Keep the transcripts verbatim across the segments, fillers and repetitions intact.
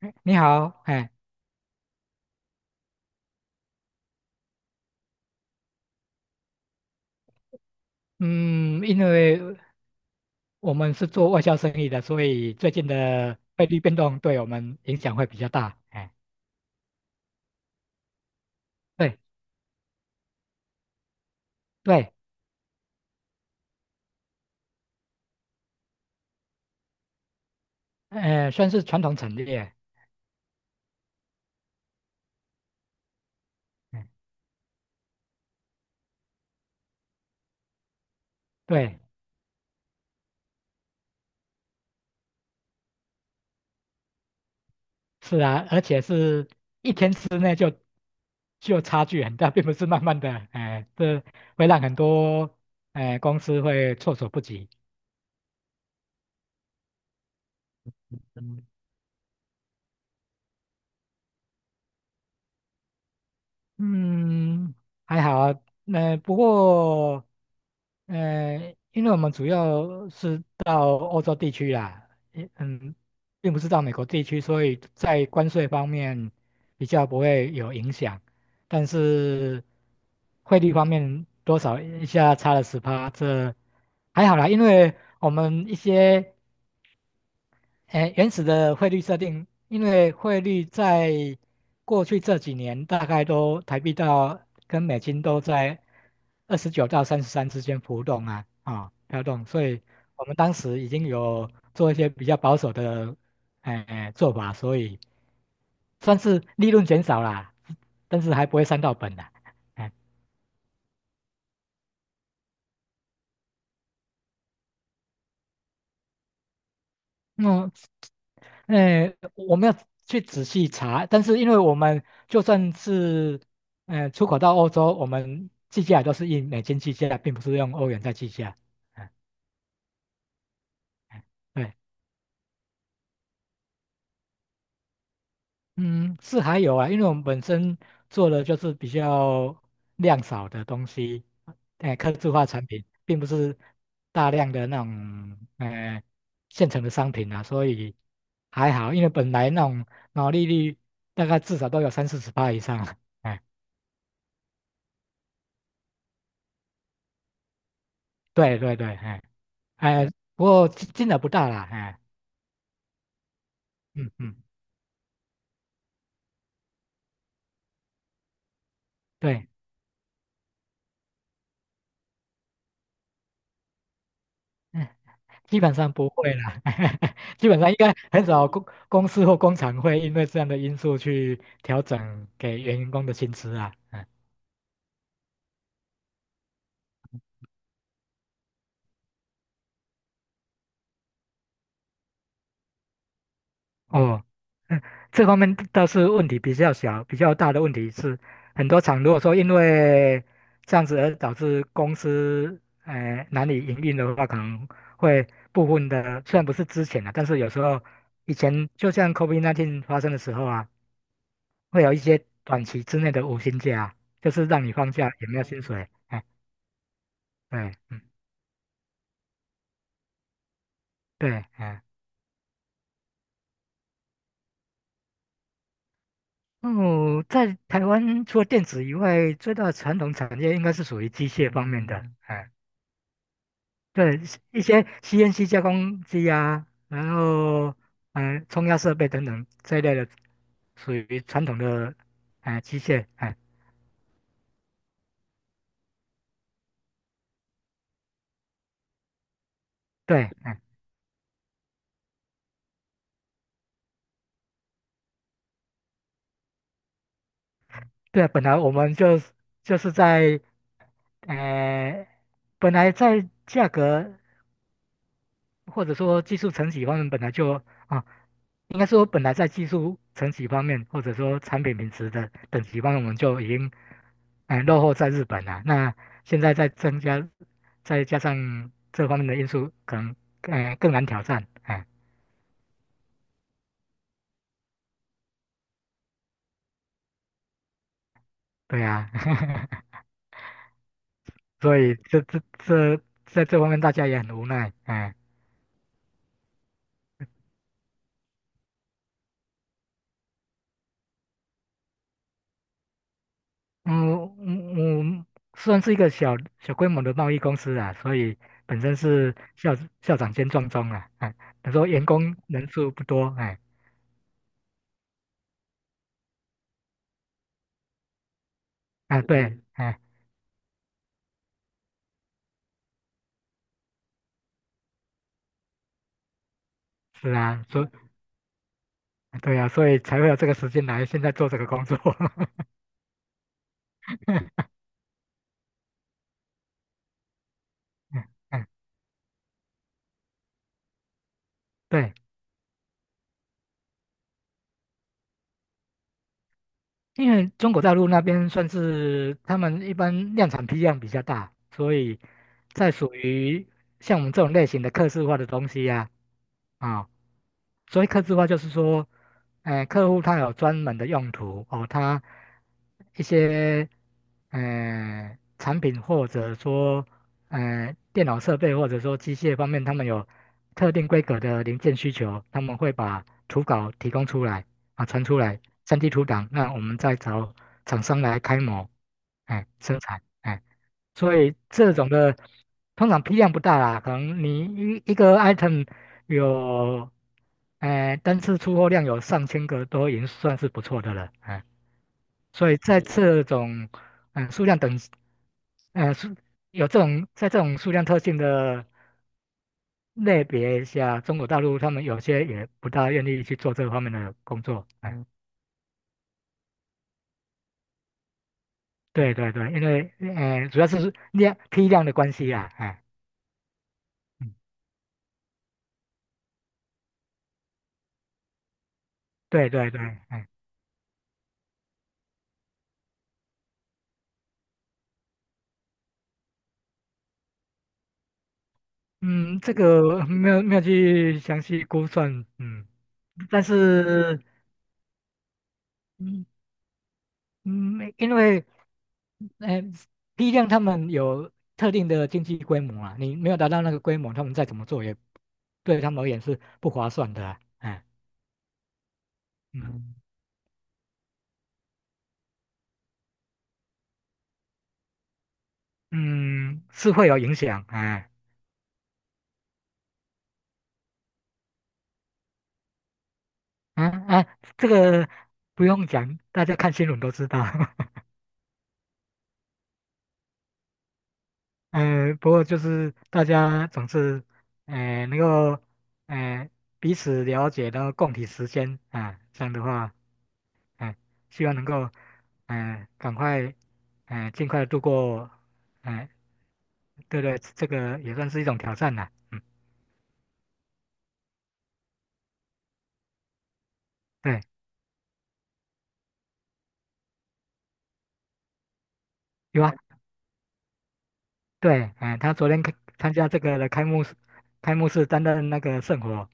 哎你好，哎。嗯，因为我们是做外销生意的，所以最近的汇率变动对我们影响会比较大。哎，对对，呃，算是传统产业。哎，对，是啊。而且是一天之内就就差距很大，并不是慢慢的。哎，这会让很多哎公司会措手不及。嗯嗯，还好啊。那、不过，呃，因为我们主要是到欧洲地区啦，也嗯，并不是到美国地区，所以在关税方面比较不会有影响。但是汇率方面多少一下差了十趴，这还好啦，因为我们一些。哎，原始的汇率设定。因为汇率在过去这几年大概都台币到跟美金都在二十九到三十三之间浮动啊。啊、飘动，所以我们当时已经有做一些比较保守的哎做法，所以算是利润减少啦，但是还不会伤到本啦。哎。嗯，哎，我们要去仔细查。但是因为我们就算是嗯出口到欧洲，我们计价也都是以美金计价，并不是用欧元在计价。嗯嗯，对。嗯，是还有啊。因为我们本身做的就是比较量少的东西。哎，客制化产品，并不是大量的那种，呃，现成的商品啊。所以还好，因为本来那种毛利率大概至少都有三四十趴以上了。哎，对对对，哎，哎，不过金金额不大啦，哎。嗯嗯，对。嗯基本上不会啦。基本上应该很少公公司或工厂会因为这样的因素去调整给员工的薪资啊。嗯。哦。嗯，这方面倒是问题比较小，比较大的问题是，很多厂如果说因为这样子而导致公司呃难以营运的话，可能会部分的虽然不是之前啊，但是有时候以前就像 COVID 十九 发生的时候啊。会有一些短期之内的无薪假，就是让你放假也没有薪水。哎，对，嗯，对，哎。哦，在台湾除了电子以外，最大的传统产业应该是属于机械方面的。哎，对，一些 C N C 加工机啊，然后嗯、呃冲压设备等等这一类的，属于传统的哎机械。哎，对，哎，对啊，本来我们就就是在呃。本来在价格或者说技术层级方面本来就啊，应该说本来在技术层级方面，或者说产品品质的等级方面，我们就已经嗯落后在日本了。那现在再增加，再加上这方面的因素，可能呃更难挑战。哎，对啊，所以这这这在这方面大家也很无奈。哎。嗯嗯嗯，算是一个小小规模的贸易公司啊，所以本身是校校长兼撞钟啊，哎，他说员工人数不多，哎，啊对，哎，是啊，所对啊，所以才会有这个时间来现在做这个工作。嗯嗯，对。因为中国大陆那边算是他们一般量产批量比较大，所以在属于像我们这种类型的刻字化的东西呀、啊，啊、所以刻字化就是说，呃，客户他有专门的用途哦，他一些呃产品或者说呃电脑设备或者说机械方面，他们有特定规格的零件需求，他们会把图稿提供出来啊，传出来。三 d 图档，那我们再找厂商来开模，哎，生产，哎，所以这种的通常批量不大啦，可能你一一个 item 有，哎，单次出货量有上千个都已经算是不错的了，哎，所以在这种嗯数量等，呃数有这种在这种数量特性的类别下，中国大陆他们有些也不大愿意去做这方面的工作。哎，对对对，因为呃，主要是量批量的关系啊，哎。嗯，对对对，哎，嗯，这个没有没有去详细估算，嗯。但是嗯嗯，因为呃批量他们有特定的经济规模啊，你没有达到那个规模，他们再怎么做也对他们而言是不划算的啊哎。嗯嗯，是会有影响。哎，啊啊，这个不用讲，大家看新闻都知道。嗯，不过就是大家总是，哎、能够，哎、彼此了解，然后共体时间啊。这样的话，哎、希望能够，哎、赶快，哎、尽快度过，哎、对对，这个也算是一种挑战了。嗯。对，有啊，对，哎、他昨天开参加这个的开幕式，开幕式担任那个圣火。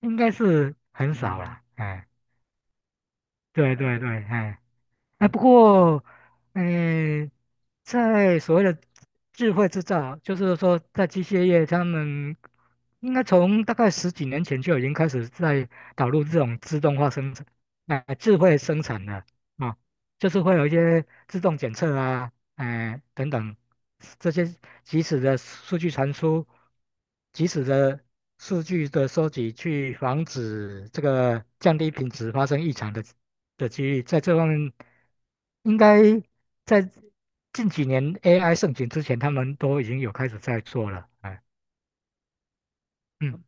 应该是很少了，哎、对对对，哎、哎，不过，嗯、在所谓的智慧制造，就是说，在机械业，他们应该从大概十几年前就已经开始在导入这种自动化生产，啊、智慧生产了啊、就是会有一些自动检测啊，哎、等等，这些即时的数据传输，即时的数据的收集，去防止这个降低品质发生异常的。的机遇，在这方面应该在近几年 A I 盛行之前，他们都已经有开始在做了。哎。嗯。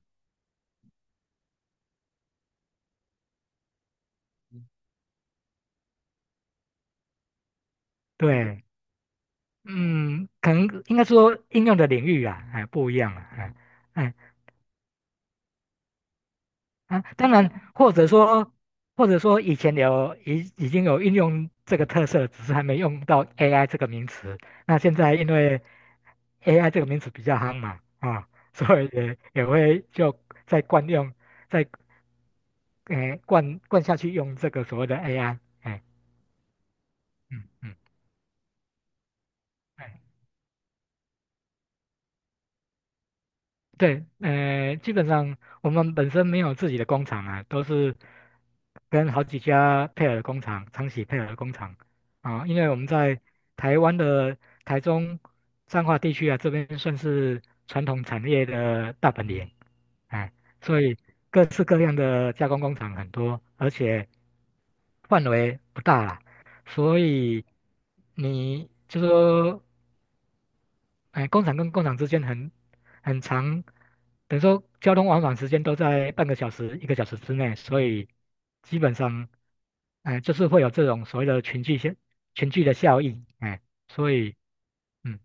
对。嗯，可能应该说应用的领域啊，哎，不一样啊，哎，哎。啊，当然，或者说，或者说以前有已已经有应用这个特色，只是还没用到 A I 这个名词。那现在因为 A I 这个名词比较夯嘛，啊。所以也也会就在惯用。在哎，灌灌下去用这个所谓的 A I。哎、嗯嗯。哎对，呃，基本上我们本身没有自己的工厂啊，都是跟好几家配合的工厂、长期配合的工厂啊。因为我们在台湾的台中彰化地区啊。这边算是传统产业的大本营，哎。所以各式各样的加工工厂很多，而且范围不大啦，所以你就说哎，工厂跟工厂之间很很长，等于说交通往返时间都在半个小时、一个小时之内。所以基本上，哎，就是会有这种所谓的群聚效群聚的效应，哎。所以嗯，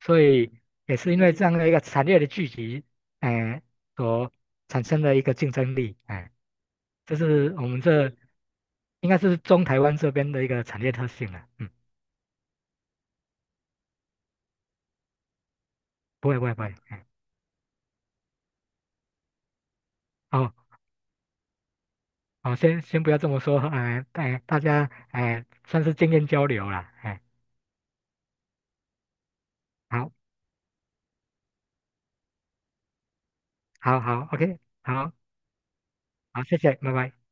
所以也是因为这样的一个产业的聚集，哎，所产生的一个竞争力，哎。这是我们这应该是中台湾这边的一个产业特性了。嗯。不会不会不会，哎。哦。好，先先不要这么说，哎、哎，大家哎、算是经验交流了，哎、好，好，好，OK，好，好，谢谢，拜拜。